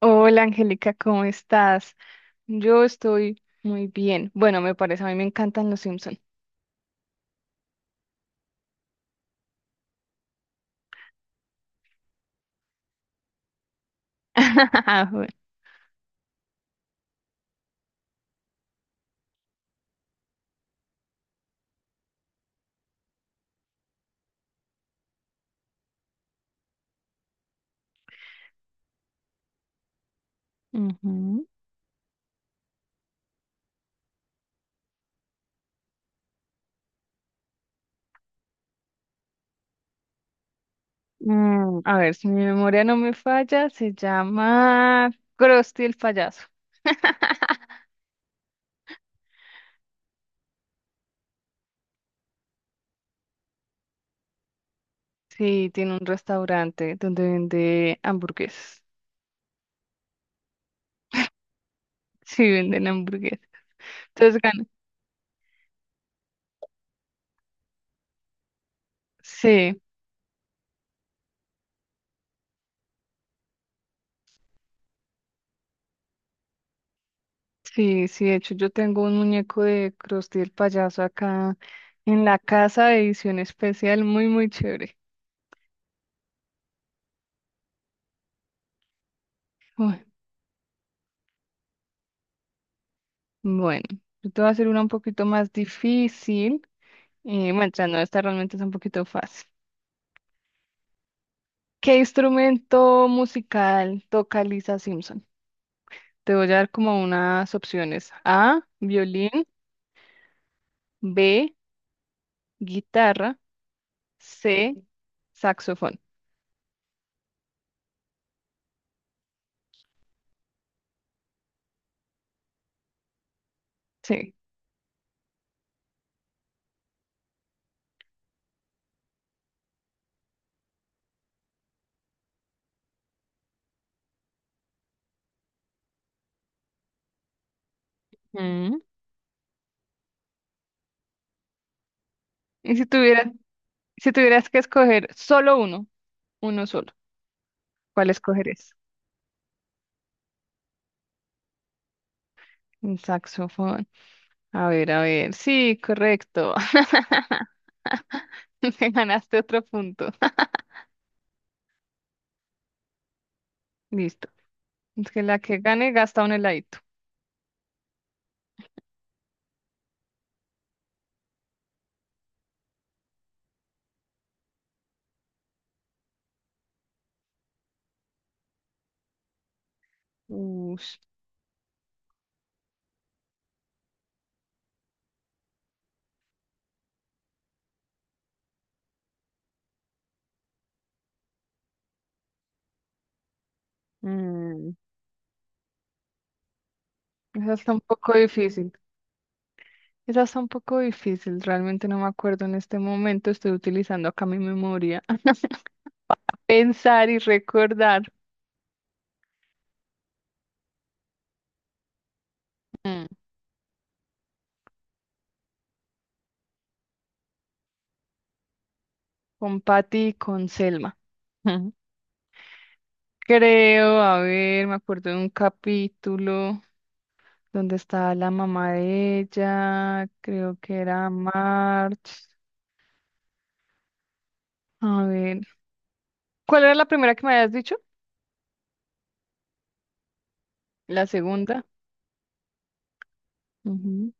Hola Angélica, ¿cómo estás? Yo estoy muy bien. Bueno, me parece, a mí me encantan los Simpson. Bueno. Ujú. Mm, a ver, si mi memoria no me falla, se llama Krusty el payaso. Sí, tiene un restaurante donde vende hamburguesas. Sí, venden hamburguesas. Entonces gana. Sí, sí, sí. De hecho, yo tengo un muñeco de Krusty el payaso acá en la casa de edición especial, muy, muy chévere. Uy. Bueno, yo te voy a hacer una un poquito más difícil. Bueno, ya no, esta realmente es un poquito fácil. ¿Qué instrumento musical toca Lisa Simpson? Te voy a dar como unas opciones. A, violín, B, guitarra, C, saxofón. Sí. Mm. Y si tuvieras, si tuvieras que escoger solo uno, uno solo, ¿cuál escogerías? Un saxofón. A ver, a ver. Sí, correcto. Me ganaste otro punto. Listo. Es que la que gane gasta un heladito. Ush, mm, esa está un poco difícil. Esa está un poco difícil. Realmente no me acuerdo en este momento. Estoy utilizando acá mi memoria. Pensar y recordar mm, con Patty y con Selma. Mm. Creo, a ver, me acuerdo de un capítulo donde estaba la mamá de ella, creo que era March. A ver, ¿cuál era la primera que me habías dicho? La segunda. Ujú.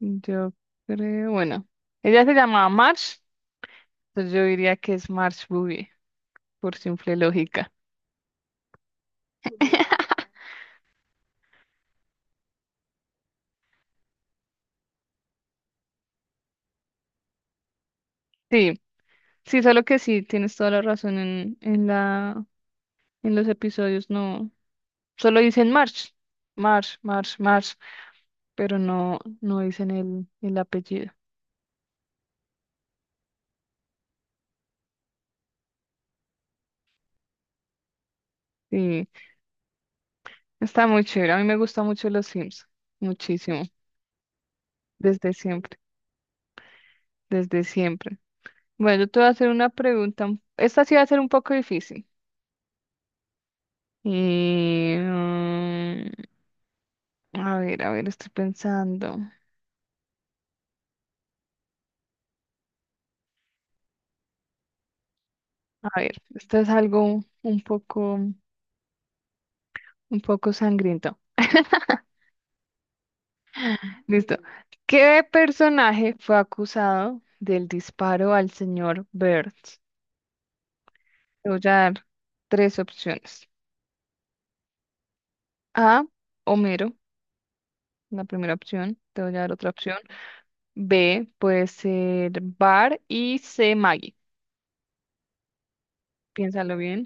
Yo creo, bueno, ella se llamaba March, entonces yo diría que es March Boogie, por simple lógica. Sí, sí, solo que sí, tienes toda la razón en, en los episodios, no, solo dicen March, March, March, March, pero no, no dicen el apellido. Sí, está muy chévere, a mí me gusta mucho los Sims, muchísimo, desde siempre, desde siempre. Bueno, yo te voy a hacer una pregunta, esta sí va a ser un poco difícil. Y, a ver, a ver, estoy pensando. A ver, esto es algo un poco sangriento. Listo. ¿Qué personaje fue acusado del disparo al señor Burns? Te voy a dar tres opciones. A, Homero, la primera opción. Te voy a dar otra opción. B, puede ser Bar y C, Maggie. Piénsalo bien.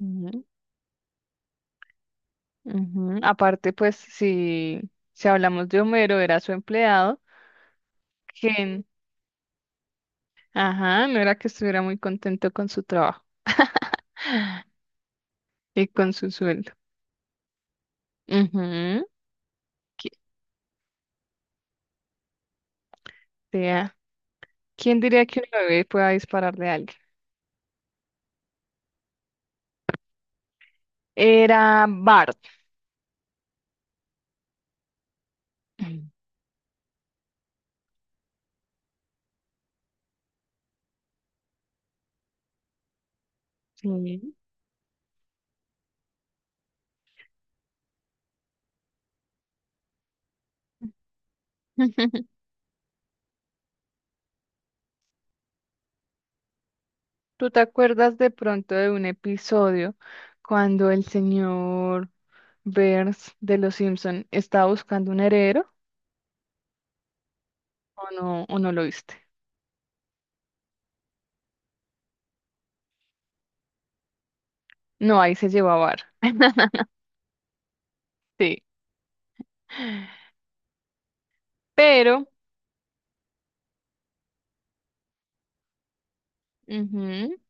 Ujú, ujú. Aparte, pues, si, si hablamos de Homero, era su empleado. Que ajá, no era que estuviera muy contento con su trabajo y con su sueldo. Ujú, que sea. ¿Quién diría que un bebé pueda dispararle a alguien? Era Bart. Mm. Sí. ¿Tú te acuerdas de pronto de un episodio cuando el señor Burns de Los Simpson estaba buscando un heredero o no lo viste? No, ahí se llevó a Bart. Sí. Pero, ujú,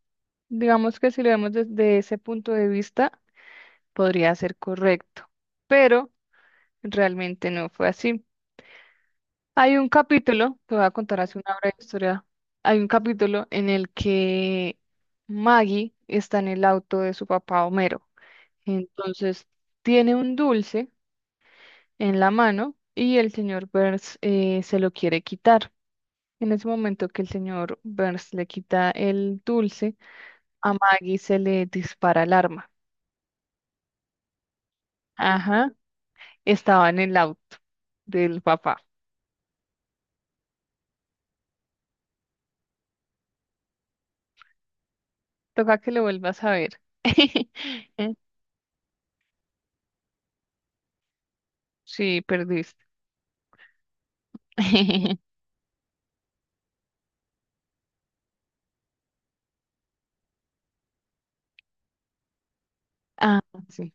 digamos que si lo vemos desde ese punto de vista, podría ser correcto, pero realmente no fue así. Hay un capítulo, te voy a contar así una breve historia. Hay un capítulo en el que Maggie está en el auto de su papá Homero. Entonces tiene un dulce en la mano y el señor Burns se lo quiere quitar. En ese momento que el señor Burns le quita el dulce, a Maggie se le dispara el arma. Ajá, estaba en el auto del papá. Toca que lo vuelvas a ver. Eh, sí, perdiste. Ah, sí.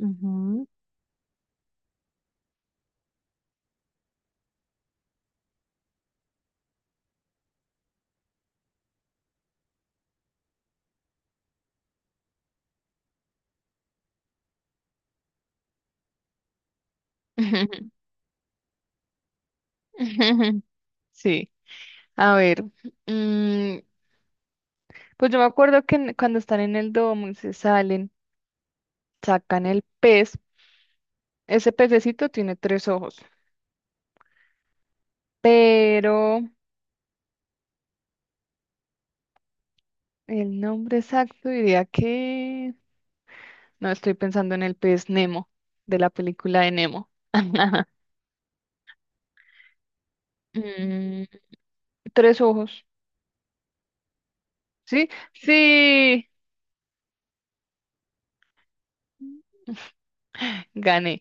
Ujú. Sí. A ver. Mm, pues yo me acuerdo que cuando están en el domo y se salen, sacan el pez. Ese pececito tiene tres ojos. Pero el nombre exacto diría que... No, estoy pensando en el pez Nemo, de la película de Nemo. Mm, tres ojos. ¿Sí? Sí. Gané.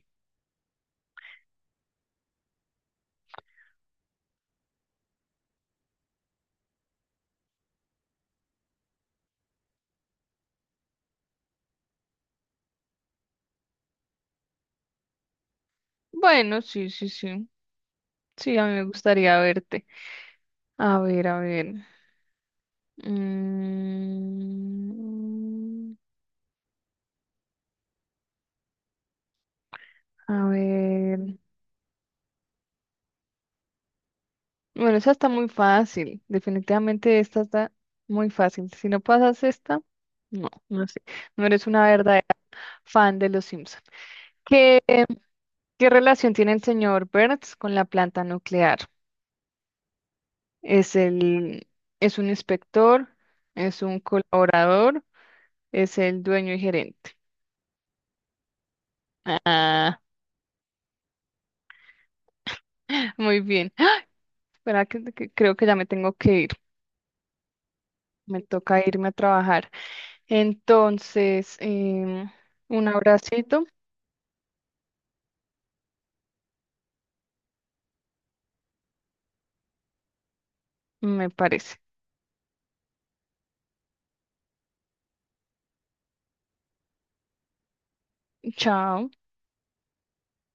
Bueno, sí, sí, sí. Sí, a mí me gustaría verte. A ver, a ver. Mm, a ver. Bueno, esa está muy fácil. Definitivamente esta está muy fácil. Si no pasas esta, no, no sé. No eres una verdadera fan de los Simpson. ¿Qué, qué relación tiene el señor Burns con la planta nuclear? ¿Es el, es un inspector? ¿Es un colaborador? ¿Es el dueño y gerente? Ah, muy bien. Verá que creo que ya me tengo que ir. Me toca irme a trabajar. Entonces, un abracito, me parece. Chao.